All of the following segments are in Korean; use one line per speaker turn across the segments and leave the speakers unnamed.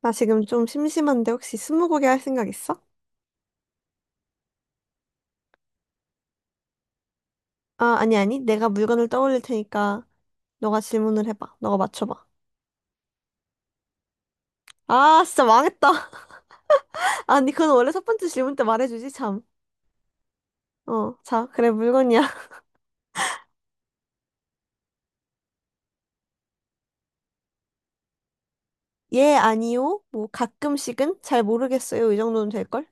나 지금 좀 심심한데 혹시 스무고개 할 생각 있어? 아, 아니, 아니. 내가 물건을 떠올릴 테니까 너가 질문을 해봐. 너가 맞춰봐. 아, 진짜 망했다. 아니, 그건 원래 첫 번째 질문 때 말해주지, 참. 어, 자, 그래, 물건이야. 예, 아니요. 뭐, 가끔씩은? 잘 모르겠어요. 이 정도는 될걸?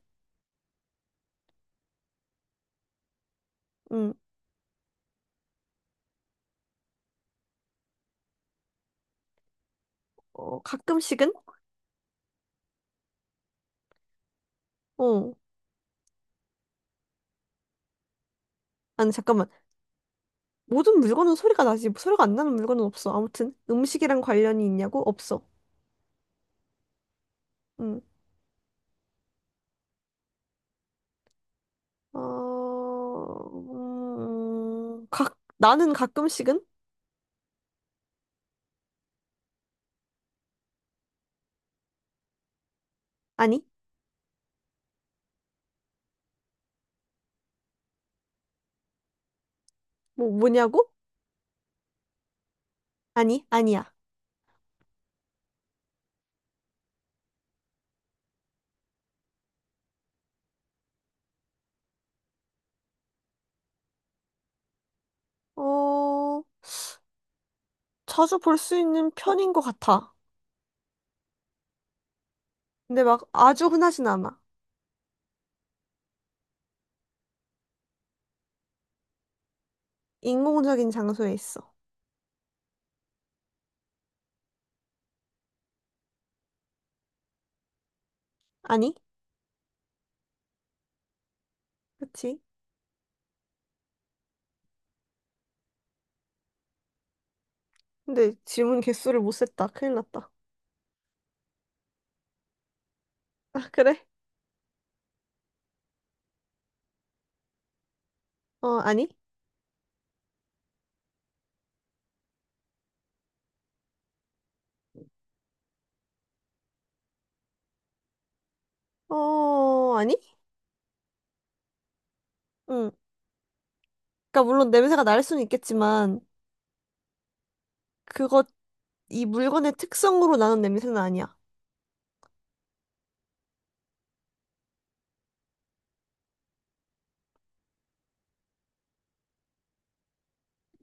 응, 어, 가끔씩은? 어. 아니, 잠깐만. 모든 물건은 소리가 나지. 소리가 안 나는 물건은 없어. 아무튼, 음식이랑 관련이 있냐고? 없어. 응. 어, 나는 가끔씩은? 아니, 뭐냐고? 아니, 아니야. 어, 자주 볼 수 있는 편인 것 같아. 근데 막 아주 흔하진 않아. 인공적인 장소에 있어. 아니? 그치? 근데 질문 개수를 못 셌다. 큰일 났다. 아, 그래? 어, 아니? 어, 아니? 응. 그러니까 물론 냄새가 날 수는 있겠지만, 그거 이 물건의 특성으로 나는 냄새는 아니야.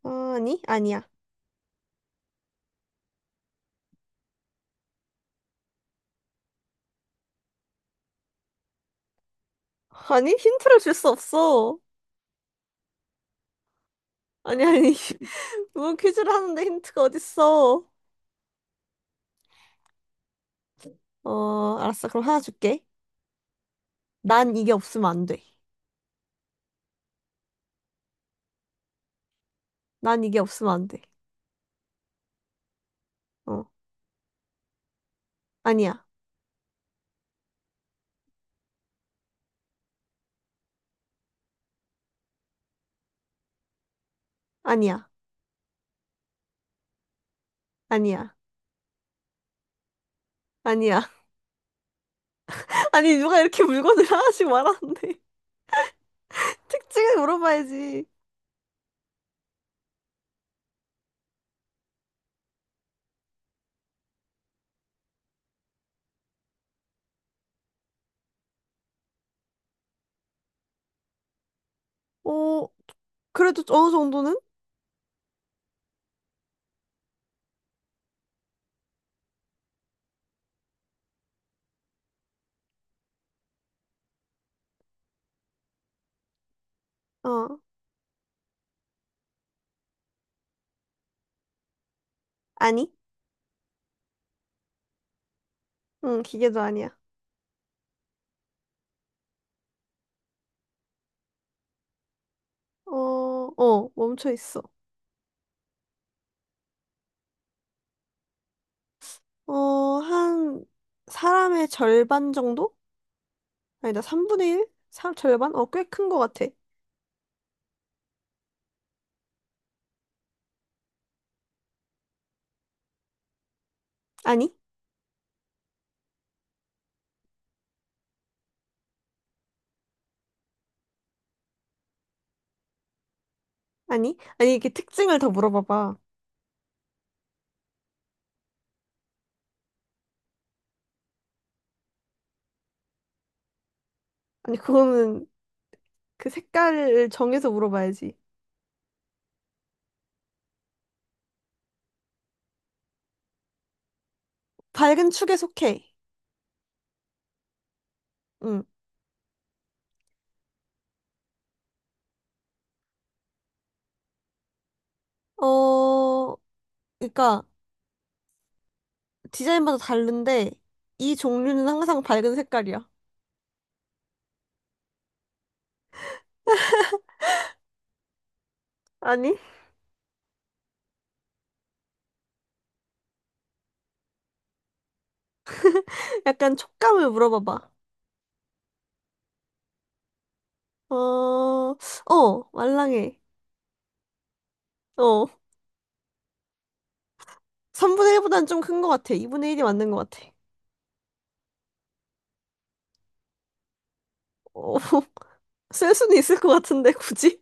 아니, 아니야. 아니, 힌트를 줄 수 없어. 아니, 아니. 뭐 퀴즈를 하는데 힌트가 어딨어. 어, 알았어. 그럼 하나 줄게. 난 이게 없으면 안 돼. 난 이게 없으면 안 돼. 어, 아니야. 아니야. 아니야. 아니야. 아니, 누가 이렇게 물건을 하나씩 말하는데. 특징을 물어봐야지. 어, 그래도 어느 정도는? 어, 아니. 응, 기계도 아니야. 어, 어, 멈춰 있어. 어, 한 사람의 절반 정도? 아니다, 3분의 1? 절반? 어, 꽤 큰 것 같아. 아니, 아니, 아니, 이렇게 특징을 더 물어봐봐. 아니, 그거는 그 색깔을 정해서 물어봐야지. 밝은 축에 속해. 응. 어, 그러니까 디자인마다 다른데 이 종류는 항상 밝은 색깔이야. 아니, 약간 촉감을 물어봐봐. 어, 어, 말랑해. 어, 3분의 1보단 좀 큰 것 같아. 2분의 1이 맞는 것 같아. 어, 쓸 수는 있을 것 같은데, 굳이?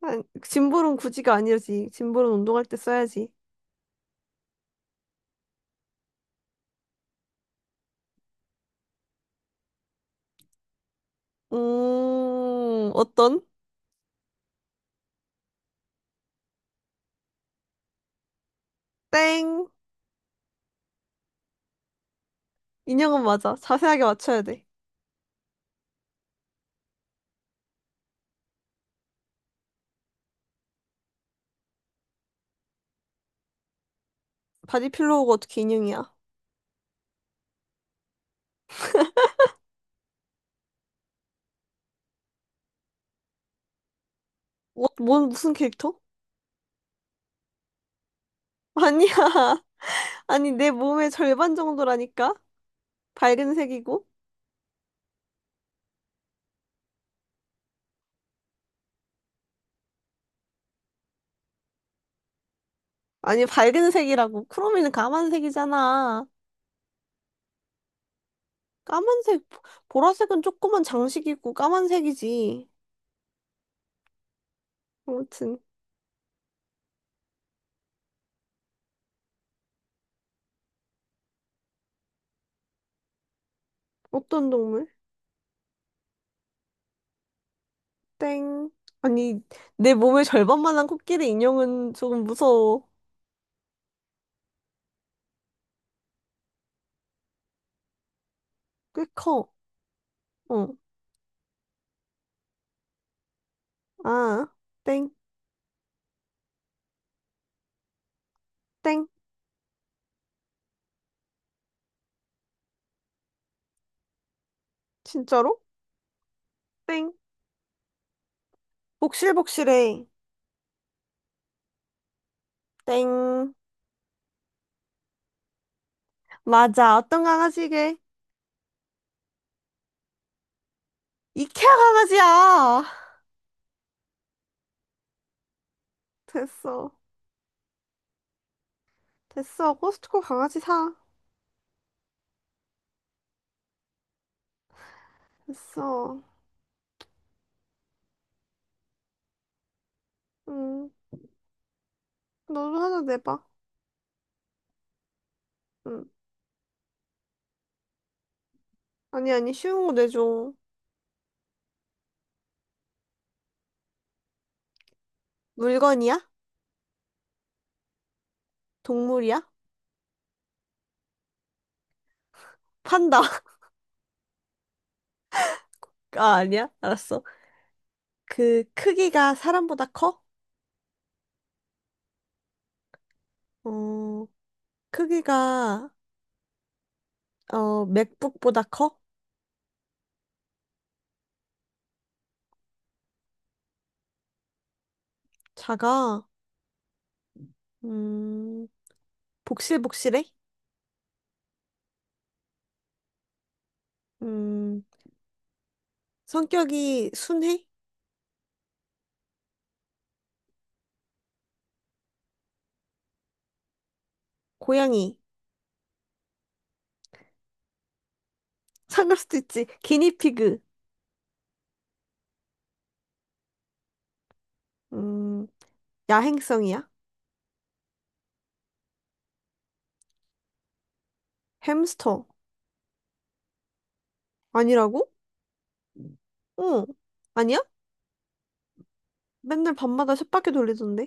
아, 짐볼은 굳이가 아니지. 짐볼은 운동할 때 써야지. 어떤? 땡. 인형은 맞아. 자세하게 맞춰야 돼. 바디 필로우가 어떻게 인형이야? 무슨 캐릭터? 아니야. 아니, 내 몸의 절반 정도라니까? 밝은 색이고? 아니, 밝은 색이라고. 크롬이는 까만 색이잖아. 까만색, 보- 라색은 조그만 장식이고 까만색이지. 아무튼, 어떤 동물? 땡. 아니, 내 몸의 절반만한 코끼리 인형은 조금 무서워. 꽤 커. 어, 아, 땡, 땡. 진짜로? 땡. 복실복실해. 땡. 맞아, 어떤 강아지게? 이케아 강아지야! 됐어. 됐어. 코스트코 강아지 사. 됐어. 음, 너도 하나 내봐. 응. 아니, 아니, 쉬운 거 내줘. 물건이야? 동물이야? 판다. 아, 아니야? 알았어. 그 크기가 사람보다 커? 어, 크기가 어, 맥북보다 커? 작아. 음, 복실복실해? 음, 성격이 순해? 고양이. 상할 수도 있지. 기니피그. 음, 야행성이야? 햄스터. 아니라고? 어, 아니야? 맨날 밤마다 쳇바퀴 돌리던데.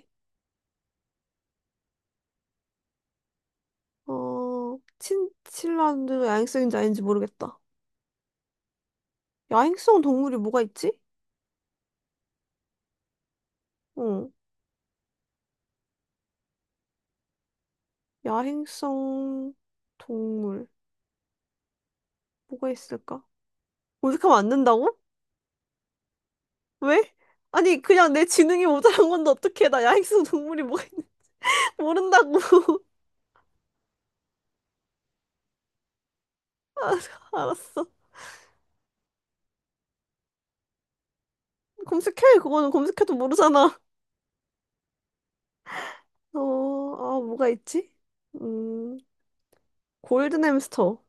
어, 친칠라도 야행성인지 아닌지 모르겠다. 야행성 동물이 뭐가 있지? 어, 야행성 동물 뭐가 있을까? 검색하면 안 된다고? 왜? 아니 그냥 내 지능이 모자란 건데 어떻게 나 야행성 동물이 뭐가 있는 모른다고? 아, 알았어. 검색해 그거는 검색해도 모르잖아. 어, 아 뭐가 있지? 음, 골든 햄스터.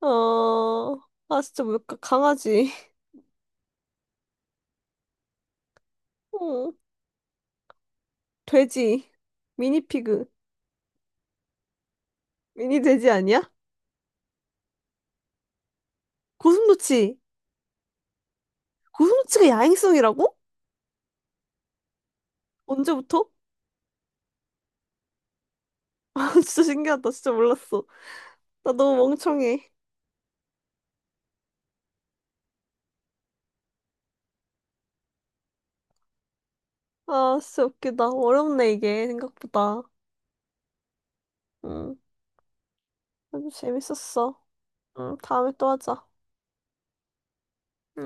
어, 아 진짜 뭘까? 강아지. 어, 돼지. 미니 피그. 미니 돼지 아니야? 고슴도치. 고소치가 야행성이라고? 언제부터? 아, 진짜 신기하다. 진짜 몰랐어. 나 너무 멍청해. 아, 진짜 웃기다. 어렵네, 이게, 생각보다. 응. 아주 재밌었어. 응, 다음에 또 하자. 응.